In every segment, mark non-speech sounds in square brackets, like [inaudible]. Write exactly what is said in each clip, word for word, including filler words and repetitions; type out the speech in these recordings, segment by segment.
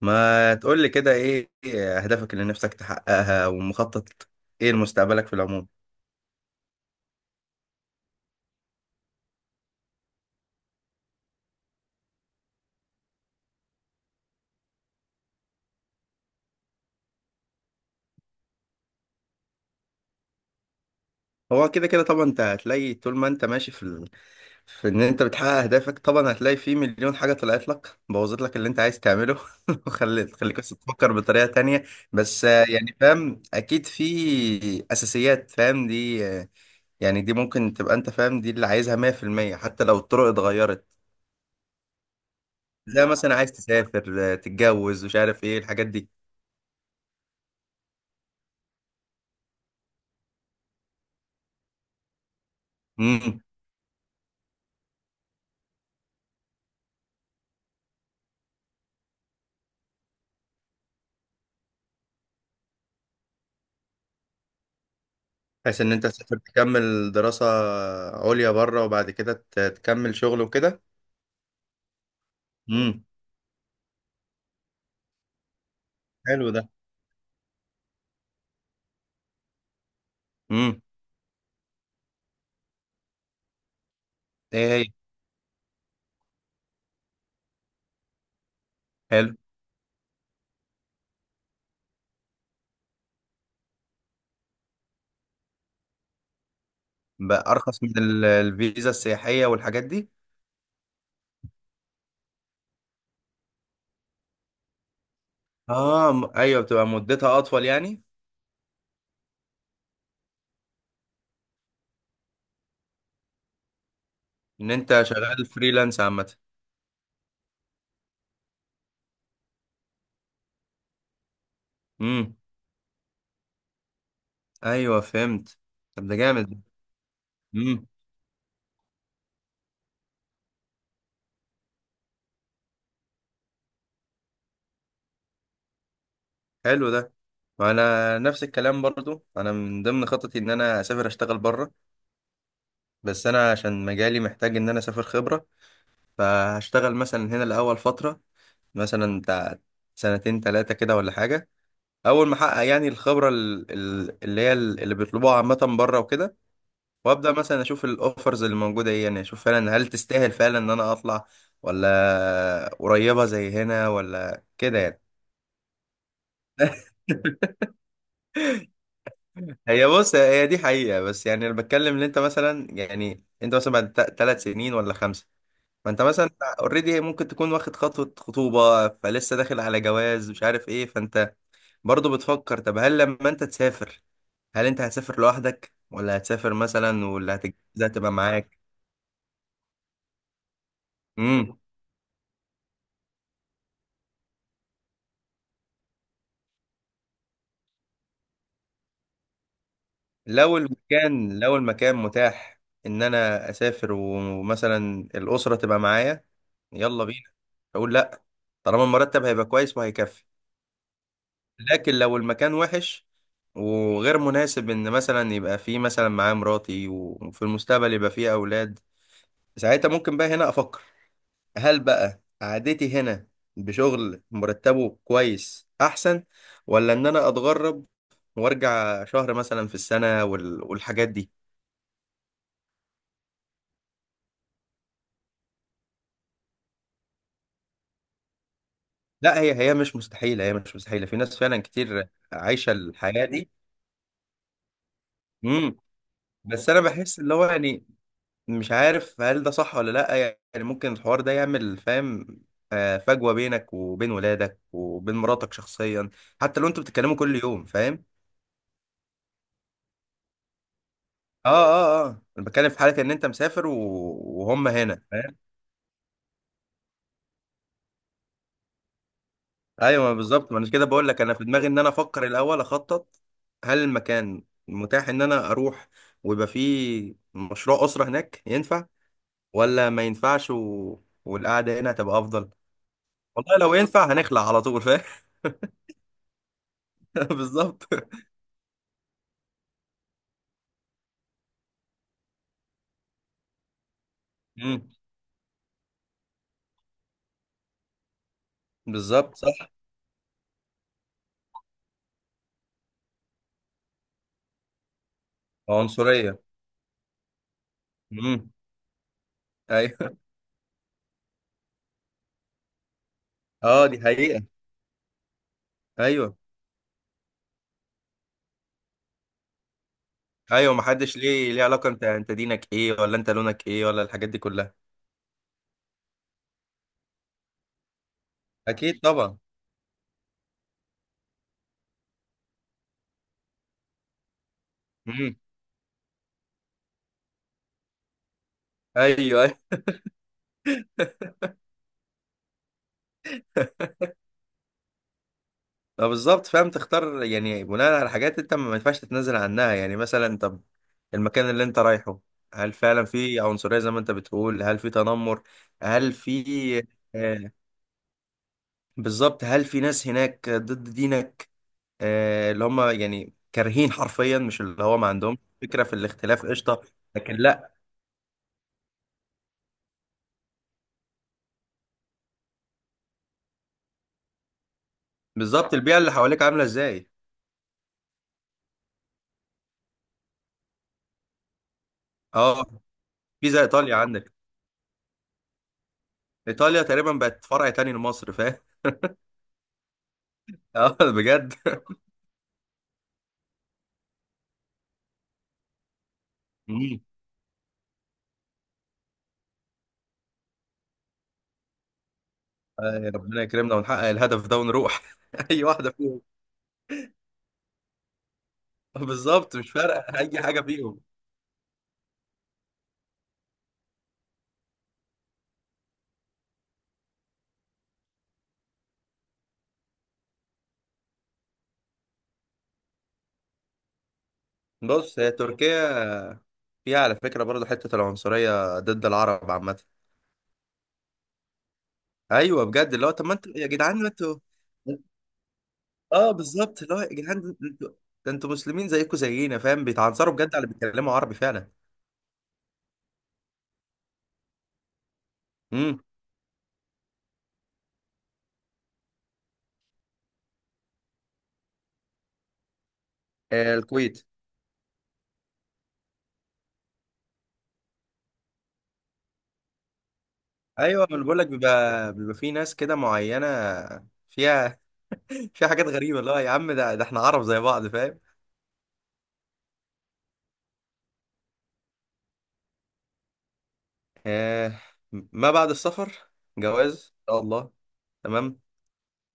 ما تقول لي كده ايه اهدافك اللي نفسك تحققها ومخطط ايه لمستقبلك في العموم. هو كده كده طبعا انت هتلاقي طول ما انت ماشي في ال... في ان انت بتحقق اهدافك طبعا هتلاقي في مليون حاجة طلعت لك بوظت لك اللي انت عايز تعمله [laughs] وخلت خليك بس تفكر بطريقة تانية. بس آه، يعني فاهم اكيد في اساسيات فاهم دي آه، يعني دي ممكن تبقى انت فاهم دي اللي عايزها مية في المية حتى لو الطرق اتغيرت. زي مثلا عايز تسافر، آه، تتجوز، مش عارف ايه الحاجات دي. مم. بحيث ان انت تسافر تكمل دراسة عليا بره وبعد كده ت- تكمل شغل وكده. امم. حلو ده. امم. ايه هي؟ حلو، بقى ارخص من ال- الفيزا السياحية والحاجات دي؟ اه، م- ايوه بتبقى مدتها اطول يعني. ان انت شغال فريلانس عامة. امم. ايوه فهمت. طب ده جامد. امم. حلو ده. وانا نفس الكلام برضو، انا من ضمن خططي ان انا اسافر اشتغل بره، بس انا عشان مجالي محتاج ان انا اسافر خبرة. فهشتغل مثلا هنا الاول فترة، مثلا بتاع سنتين تلاتة كده ولا حاجة. أول ما أحقق يعني الخبرة ال- ال- اللي هي ال- اللي بيطلبوها عامة بره وكده. وأبدأ مثلا أشوف الأوفرز اللي موجودة إيه، يعني أشوف فعلا هل تستاهل فعلا إن أنا أطلع، ولا قريبة زي هنا ولا كده يعني. هي بص، هي دي حقيقة، بس يعني أنا بتكلم إن أنت مثلا، يعني أنت مثلا بعد ثلاث سنين ولا خمسة، فأنت مثلا أوريدي ممكن تكون واخد خطوة خطوبة، فلسه داخل على جواز مش عارف إيه. فأنت برضو بتفكر، طب هل لما أنت تسافر هل انت هتسافر لوحدك، ولا هتسافر مثلا واللي هتجهزها تبقى معاك؟ امم. لو المكان، لو المكان متاح ان انا اسافر ومثلا الاسره تبقى معايا، يلا بينا، اقول لا، طالما المرتب هيبقى كويس وهيكفي. لكن لو المكان وحش وغير مناسب ان مثلا يبقى فيه مثلا معايا مراتي، وفي المستقبل يبقى فيه اولاد، ساعتها ممكن بقى هنا افكر هل بقى قعدتي هنا بشغل مرتبه كويس احسن، ولا ان انا اتغرب وارجع شهر مثلا في السنة وال- والحاجات دي. لا هي، هي مش مستحيلة، هي مش مستحيلة، في ناس فعلا كتير عايشة الحياة دي. امم. بس انا بحس اللي هو يعني، مش عارف هل ده صح ولا لا، يعني ممكن الحوار ده يعمل فاهم، آه، فجوة بينك وبين ولادك وبين مراتك شخصيا، حتى لو انتوا بتتكلموا كل يوم فاهم. اه اه اه، انا بتكلم في حاله ان انت مسافر و... وهم هنا فاهم. ايوه ما بالظبط، ما انا كده بقول لك، انا في دماغي ان انا افكر الاول اخطط هل المكان متاح ان انا اروح ويبقى فيه مشروع اسره هناك ينفع، ولا ما ينفعش و... والقعده هنا هتبقى افضل. والله لو ينفع هنخلع على طول فاهم. [laughs] بالظبط. امم. بالظبط صح. عنصريه. امم. ايوه. اه دي حقيقه. ايوه ايوه، ما حدش ليه، ليه علاقه انت، انت دينك ايه ولا انت لونك ايه ولا الحاجات دي كلها. اكيد طبعا. امم. ايوه ايوه. [laughs] ما بالظبط فاهم، تختار يعني بناء على حاجات انت ما ينفعش تتنازل عنها، يعني مثلا طب المكان اللي انت رايحه هل فعلا في عنصرية زي ما انت بتقول؟ هل في تنمر؟ هل في آه؟ بالظبط، هل في ناس هناك ضد دينك، آه اللي هم يعني كارهين حرفيا، مش اللي هو ما عندهم فكرة في الاختلاف قشطة. لكن لا. بالظبط، البيئة اللي حواليك عاملة ازاي. اه، في زي ايطاليا عندك. ايطاليا تقريبا بقت فرع تاني لمصر فاهم. [laughs] اه بجد. مم. آه، ربنا يكرمنا ونحقق الهدف ده ونروح [laughs] اي واحده فيهم. بالظبط، مش فارقه اي حاجه فيهم. بص هي تركيا فيها على فكره برضه حته العنصريه ضد العرب عامه. ايوه بجد، اللي هو طب ما انتوا يا جدعان، ما انتوا. اه بالظبط، اللي هو يا جدعان ده انتوا، ده انتوا مسلمين زيكم زينا فاهم، بيتعنصروا بجد على اللي بيتكلموا عربي فعلا. امم. آه الكويت. ايوه ما أنا بقول لك، بيبقى، بيبقى في ناس كده معينه فيها [laughs] فيها حاجات غريبه، اللي هو يا عم ده، ده احنا عرب زي بعض فاهم. آه، ما بعد السفر جواز ان شاء الله. تمام.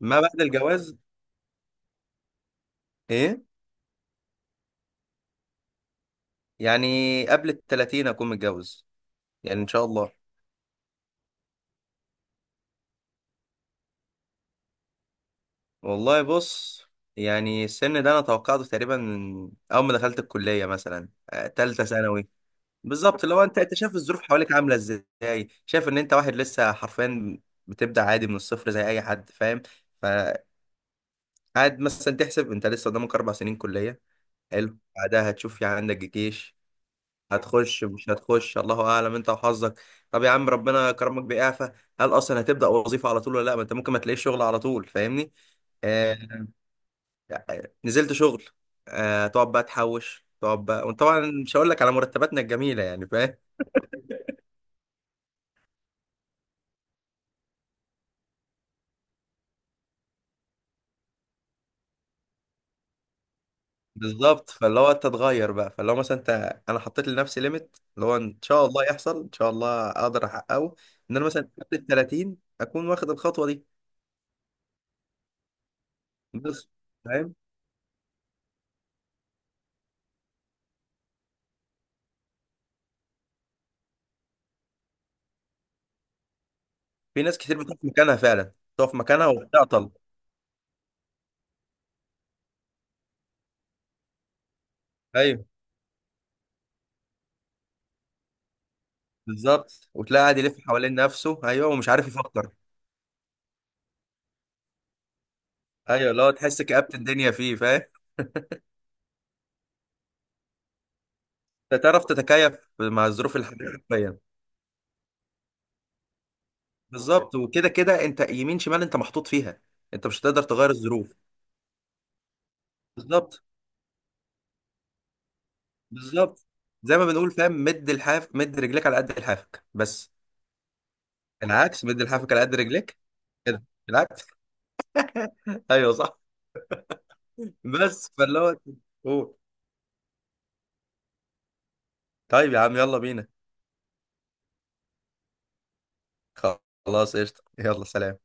ما بعد الجواز ايه؟ يعني قبل ال التلاتين اكون متجوز، يعني ان شاء الله. والله بص، يعني السن ده انا توقعته تقريبا من اول ما دخلت الكليه، مثلا آه، تالتة ثانوي. بالظبط، لو انت، انت شايف الظروف حواليك عامله ازاي، شايف ان انت واحد لسه حرفيا بتبدا عادي من الصفر زي اي حد فاهم. فقعد مثلا تحسب انت لسه قدامك اربع سنين كليه، حلو بعدها هتشوف يعني عندك جيش، هتخش مش هتخش الله اعلم انت وحظك. طب يا عم ربنا كرمك بإعفاء، هل اصلا هتبدأ وظيفة على طول ولا لا؟ ما انت ممكن ما تلاقيش شغل على طول فاهمني. آه نزلت شغل، آه تقعد بقى تحوش، تقعد بقى، وطبعا مش هقول لك على مرتباتنا الجميلة يعني فاهم. بالظبط، فاللي هو انت تغير بقى، فاللي هو مثلا انت، انا حطيت لنفسي ليميت اللي هو ان شاء الله يحصل، ان شاء الله اقدر احققه، ان انا مثلا قبل ال الثلاثين اكون واخد الخطوة دي. بس فاهم. في ناس كتير بتقف مكانها فعلا، تقف مكانها وبتعطل. ايوه بالظبط، وتلاقي قاعد يلف حوالين نفسه، ايوه ومش عارف يفكر. ايوه اللي هو تحس كآبة الدنيا فيه فاهم. انت تعرف تتكيف مع الظروف الحاليه حرفيا. بالظبط، وكده كده انت يمين شمال انت محطوط فيها، انت مش هتقدر تغير الظروف. بالظبط، بالظبط. زي ما بنقول فاهم، مد الحاف، مد رجليك على قد لحافك، بس العكس، مد لحافك على قد رجليك. كده العكس. [laughs] ايوه صح. بس فاللي هو قول. طيب يا عم يلا بينا. خلاص قشطه، يلا سلام.